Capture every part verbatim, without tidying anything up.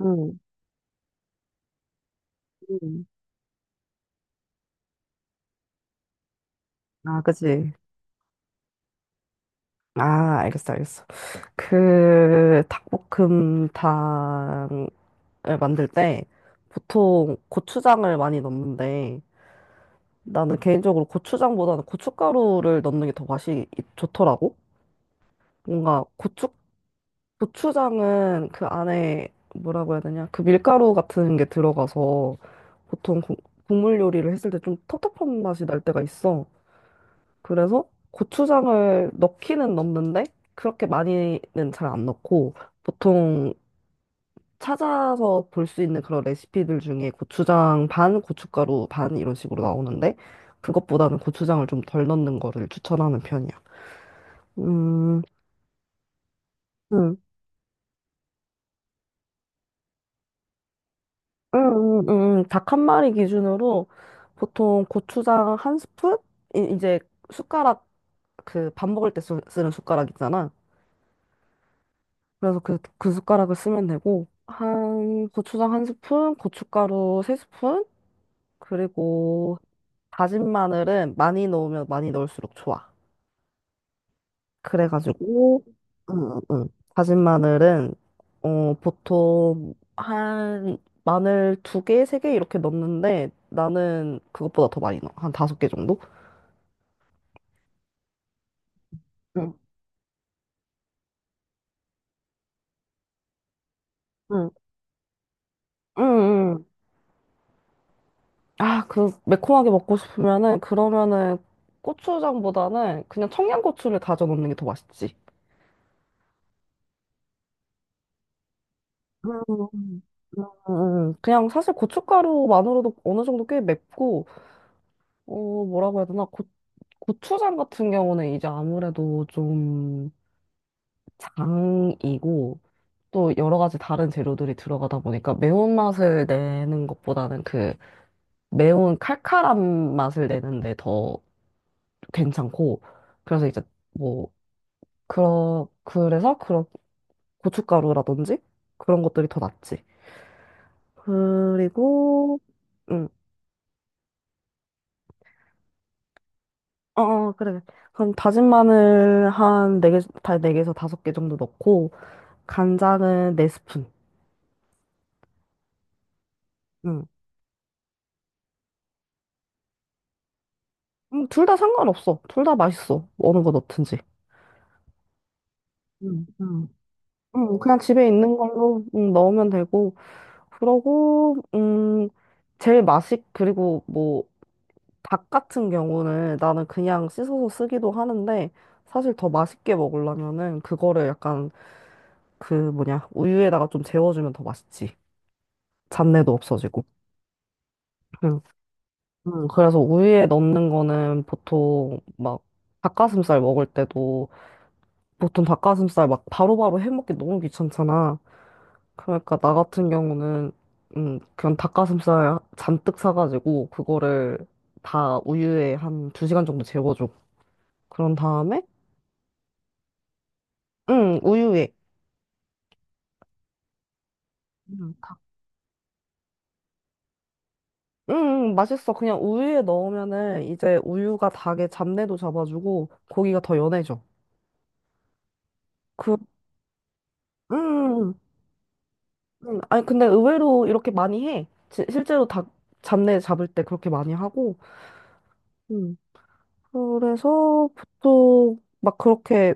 응, 응. 아, 그치. 아, 알겠어, 알겠어. 그, 닭볶음탕을 만들 때 보통 고추장을 많이 넣는데 나는 개인적으로 고추장보다는 고춧가루를 넣는 게 더 맛이 좋더라고. 뭔가 고추, 고추장은 그 안에 뭐라고 해야 되냐. 그 밀가루 같은 게 들어가서 보통 국- 국물 요리를 했을 때 좀 텁텁한 맛이 날 때가 있어. 그래서 고추장을 넣기는 넣는데 그렇게 많이는 잘 안 넣고 보통 찾아서 볼 수 있는 그런 레시피들 중에 고추장 반, 고춧가루 반 이런 식으로 나오는데 그것보다는 고추장을 좀 덜 넣는 거를 추천하는 편이야. 음, 음, 음, 음, 음. 닭 한 마리 기준으로 보통 고추장 한 스푼? 이- 이제 숟가락 그 밥 먹을 때 쓰, 쓰는 숟가락 있잖아. 그래서 그, 그 숟가락을 쓰면 되고, 한, 고추장 한 스푼, 고춧가루 세 스푼, 그리고 다진 마늘은 많이 넣으면 많이 넣을수록 좋아. 그래가지고, 응, 응, 응. 다진 마늘은, 어, 보통 한, 마늘 두 개, 세 개 이렇게 넣는데, 나는 그것보다 더 많이 넣어. 한 다섯 개 정도? 응, 응, 응, 응. 아, 그, 매콤하게 먹고 싶으면은, 그러면은, 고추장보다는 그냥 청양고추를 다져 넣는 게 더 맛있지. 음, 음, 음. 그냥 사실 고춧가루만으로도 어느 정도 꽤 맵고, 어, 뭐라고 해야 되나, 고, 고추장 같은 경우는 이제 아무래도 좀 장이고, 또 여러 가지 다른 재료들이 들어가다 보니까 매운맛을 내는 것보다는 그 매운 칼칼한 맛을 내는데 더 괜찮고, 그래서 이제 뭐, 그러, 그래서 그런 고춧가루라든지 그런 것들이 더 낫지. 그리고, 음. 어, 어, 그래. 그럼 다진 마늘 한 네 개, 다 네 개에서 다섯 개에서 다섯 개 정도 넣고, 간장은 네 스푼. 응. 음, 둘다 상관없어. 둘 다 맛있어. 어느 거 넣든지. 응, 응, 응, 그냥 집에 있는 걸로 응, 넣으면 되고. 그러고, 음, 제일 맛있, 그리고 뭐, 닭 같은 경우는 나는 그냥 씻어서 쓰기도 하는데, 사실 더 맛있게 먹으려면은, 그거를 약간, 그 뭐냐, 우유에다가 좀 재워주면 더 맛있지. 잡내도 없어지고. 응. 응, 그래서 우유에 넣는 거는 보통 막 닭가슴살 먹을 때도 보통 닭가슴살 막 바로바로 해먹기 너무 귀찮잖아. 그러니까 나 같은 경우는 음, 그냥 닭가슴살 잔뜩 사가지고 그거를 다 우유에 한 두 시간 정도 재워줘. 그런 다음에 응, 우유에 응 닭- 응, 맛있어. 그냥 우유에 넣으면은 이제 우유가 닭의 잡내도 잡아주고 고기가 더 연해져. 그, 음, 음, 아니, 근데 의외로 이렇게 많이 해. 지- 실제로 닭 잡내 잡을 때 그렇게 많이 하고. 음. 그래서 보통 막 그렇게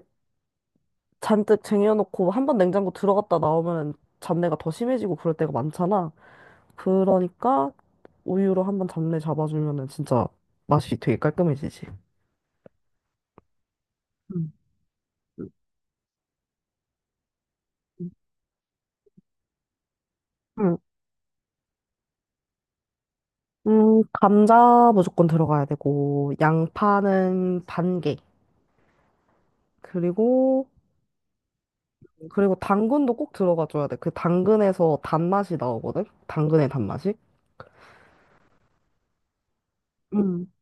잔뜩 쟁여놓고 한 번 냉장고 들어갔다 나오면 잡내가 더 심해지고 그럴 때가 많잖아. 그러니까 우유로 한 번 잡내 잡아주면은 진짜 맛이 되게 깔끔해지지. 음. 음, 음, 감자 무조건 들어가야 되고, 양파는 반 개. 그리고 그리고 당근도 꼭 들어가줘야 돼. 그 당근에서 단맛이 나오거든? 당근의 단맛이. 음.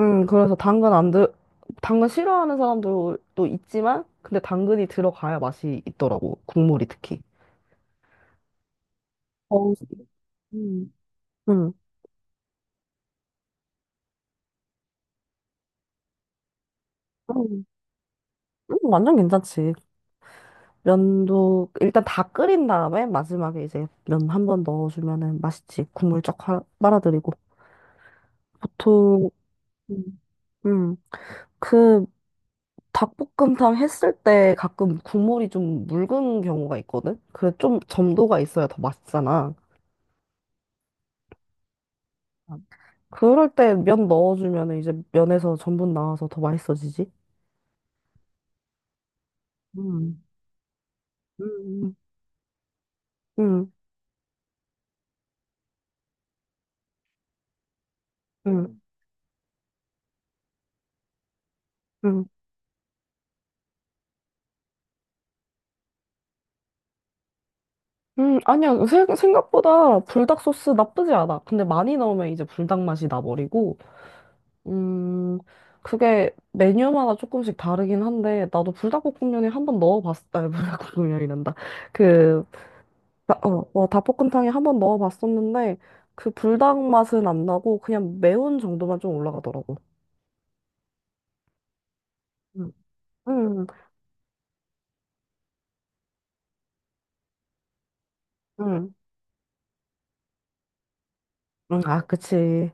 음, 그래서 당근 안 들, 당근 싫어하는 사람들도 있지만, 근데 당근이 들어가야 맛이 있더라고. 국물이 특히. 어, 음. 음, 음. 음, 완전 괜찮지. 면도, 일단 다 끓인 다음에 마지막에 이제 면 한 번 넣어주면은 맛있지. 국물 쫙 화- 빨아들이고. 보통, 음. 음, 그 닭볶음탕 했을 때 가끔 국물이 좀 묽은 경우가 있거든? 그래, 좀 점도가 있어야 더 맛있잖아. 그럴 때 면 넣어주면 이제 면에서 전분 나와서 더 맛있어지지? 음, 음, 응, 응, 응. 음, 아니야. 세- 생각보다 불닭 소스 나쁘지 않아. 근데 많이 넣으면 이제 불닭 맛이 나버리고, 음, 그게 메뉴마다 조금씩 다르긴 한데, 나도 불닭볶음면에 한번 넣어봤, 아, 불닭볶음면이란다. 그 나- 어, 어, 닭볶음탕에 한 번 넣어봤었는데 그 불닭 맛은 안 나고 그냥 매운 정도만 좀 올라가더라고. 음, 음, 음, 음, 아, 그치.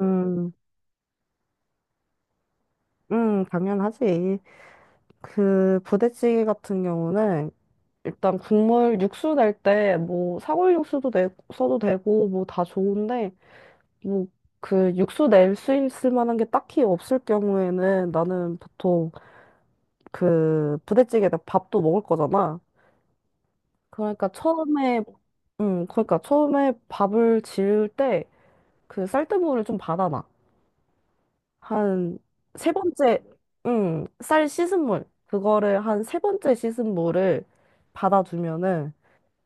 음, 음, 당연하지. 그 부대찌개 같은 경우는 일단 국물 육수 낼 때 뭐 사골 육수도 내, 써도 되고 뭐 다 좋은데 뭐 그 육수 낼 수 있을 만한 게 딱히 없을 경우에는 나는 보통 그 부대찌개에다 밥도 먹을 거잖아. 그러니까 처음에 음, 그러니까 처음에 밥을 지을 때 그 쌀뜨물을 좀 받아놔. 한 세 번째, 음, 쌀 씻은 물. 그거를 한 세 번째 씻은 물을 받아두면은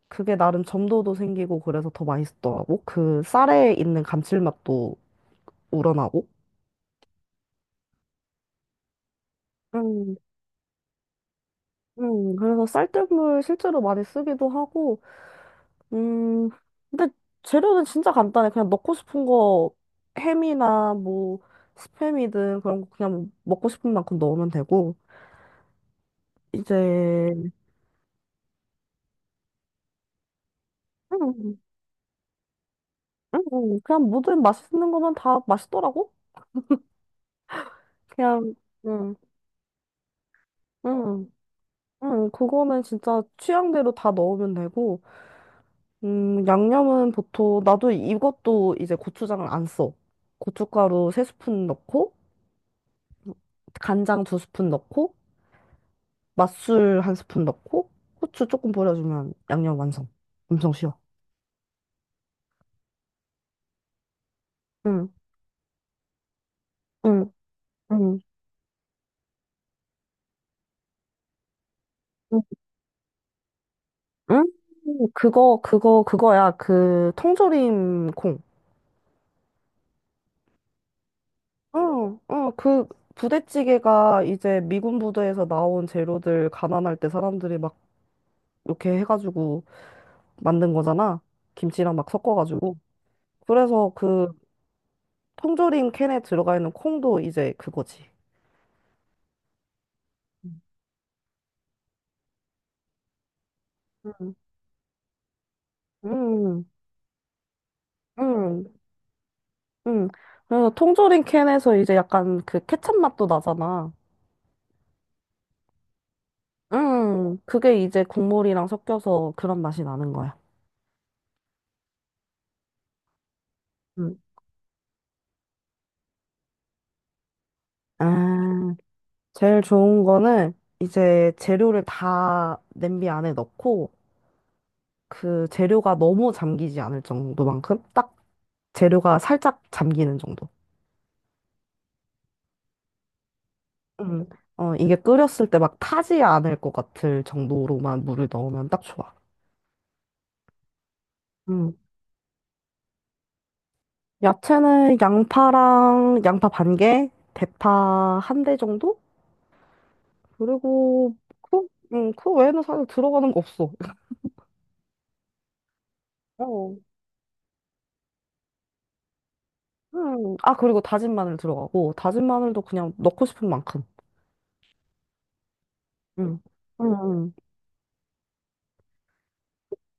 그게 나름 점도도 생기고 그래서 더 맛있더라고. 그 쌀에 있는 감칠맛도 우러나고. 음, 음, 그래서 쌀뜨물 실제로 많이 쓰기도 하고 음, 근데 재료는 진짜 간단해. 그냥 넣고 싶은 거 햄이나 뭐 스팸이든 그런 거 그냥 먹고 싶은 만큼 넣으면 되고 이제 음, 음, 음. 그냥 모든 맛있는 거면 다 맛있더라고. 그냥 음, 음, 음, 그거는 진짜 취향대로 다 넣으면 되고 음, 양념은 보통 나도 이것도 이제 고추장을 안 써. 고춧가루 세 스푼 넣고 간장 두 스푼 넣고 맛술 한 스푼 넣고 후추 조금 뿌려주면 양념 완성. 엄청 쉬워. 응, 응, 응, 응. 응? 그거, 그거, 그거야. 그, 통조림 콩. 응, 응, 그 부대찌개가 이제 미군 부대에서 나온 재료들 가난할 때 사람들이 막 이렇게 해가지고 만든 거잖아. 김치랑 막 섞어가지고. 그래서 그 통조림 캔에 들어가 있는 콩도 이제 그거지. 응, 응, 응. 응. 그래서 통조림 캔에서 이제 약간 그 케첩 맛도 나잖아. 응. 그게 이제 국물이랑 섞여서 그런 맛이 나는 거야. 응. 아, 제일 좋은 거는 이제 재료를 다 냄비 안에 넣고 그 재료가 너무 잠기지 않을 정도만큼 딱 재료가 살짝 잠기는 정도. 응. 어, 이게 끓였을 때 막 타지 않을 것 같을 정도로만 물을 넣으면 딱 좋아. 야채는 양파랑 양파 반 개, 대파 한 대 정도? 그리고 그, 음, 그 외에는 사실 들어가는 거 없어. 어. 음. 아, 그리고 다진 마늘 들어가고, 다진 마늘도 그냥 넣고 싶은 만큼. 음. 음. 음.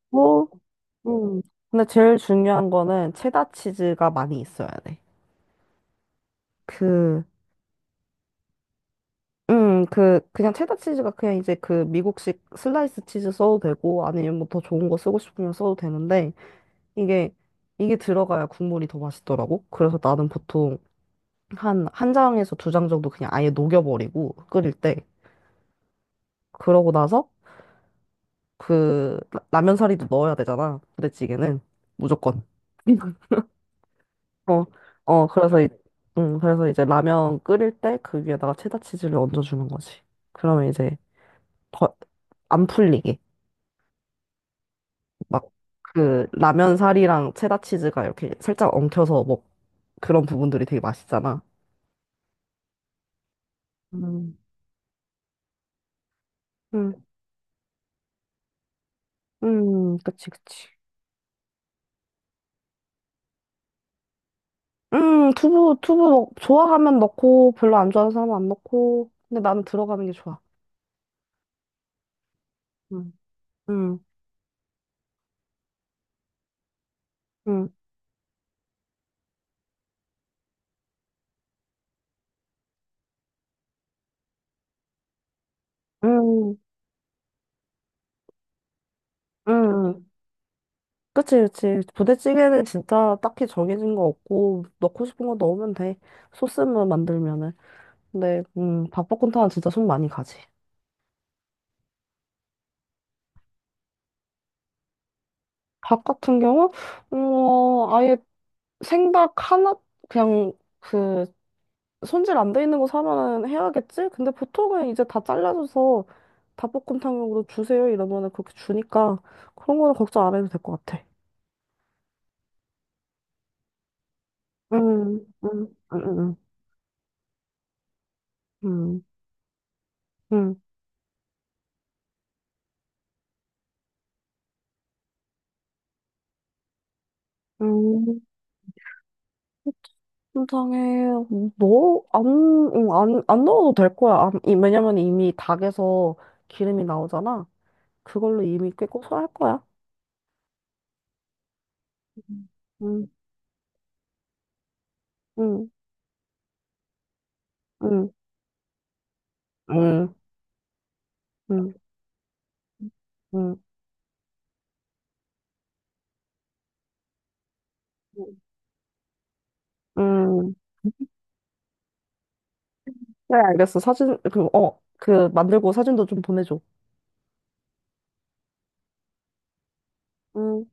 뭐, 음. 근데 제일 중요한 거는 체다 치즈가 많이 있어야 돼. 그, 음, 그, 그냥 체다 치즈가 그냥 이제 그 미국식 슬라이스 치즈 써도 되고, 아니면 뭐 더 좋은 거 쓰고 싶으면 써도 되는데, 이게, 이게 들어가야 국물이 더 맛있더라고. 그래서 나는 보통 한, 한 장에서 두 장 정도 그냥 아예 녹여버리고 끓일 때. 그러고 나서 그 라- 라면 사리도 넣어야 되잖아. 부대찌개는. 무조건. 어, 어, 그래서, 이- 음, 그래서 이제 라면 끓일 때 그 위에다가 체다 치즈를 얹어주는 거지. 그러면 이제 더 안 풀리게. 막 그 라면 사리랑 체다 치즈가 이렇게 살짝 엉켜서 뭐 그런 부분들이 되게 맛있잖아. 음. 음. 음, 그치, 그치. 음, 두부, 두부 넣- 좋아하면 넣고, 별로 안 좋아하는 사람은 안 넣고. 근데 나는 들어가는 게 좋아. 음, 음, 음, 음, 음. 음. 그치, 그치. 부대찌개는 진짜 딱히 정해진 거 없고, 넣고 싶은 거 넣으면 돼. 소스만 만들면은. 근데, 음, 밥볶음탕은 진짜 손 많이 가지. 밥 같은 경우, 어, 아예 생닭 하나, 그냥, 그, 손질 안 돼 있는 거 사면은 해야겠지? 근데 보통은 이제 다 잘라줘서 닭볶음탕용으로 주세요 이러면은 그렇게 주니까 그런 거는 걱정 안 해도 될 것 같아. 응, 응, 응, 응, 응, 응. 통장에 넣어 안, 응, 안, 안 넣어도 될 거야. 안, 이- 왜냐면 이미 닭에서 기름이 나오잖아. 그걸로 이미 꽤 고소할 거야. 응, 응, 응, 응, 응, 응, 응. 그래, 알겠어. 사진, 그, 어, 그, 만들고 사진도 좀 보내줘. 음.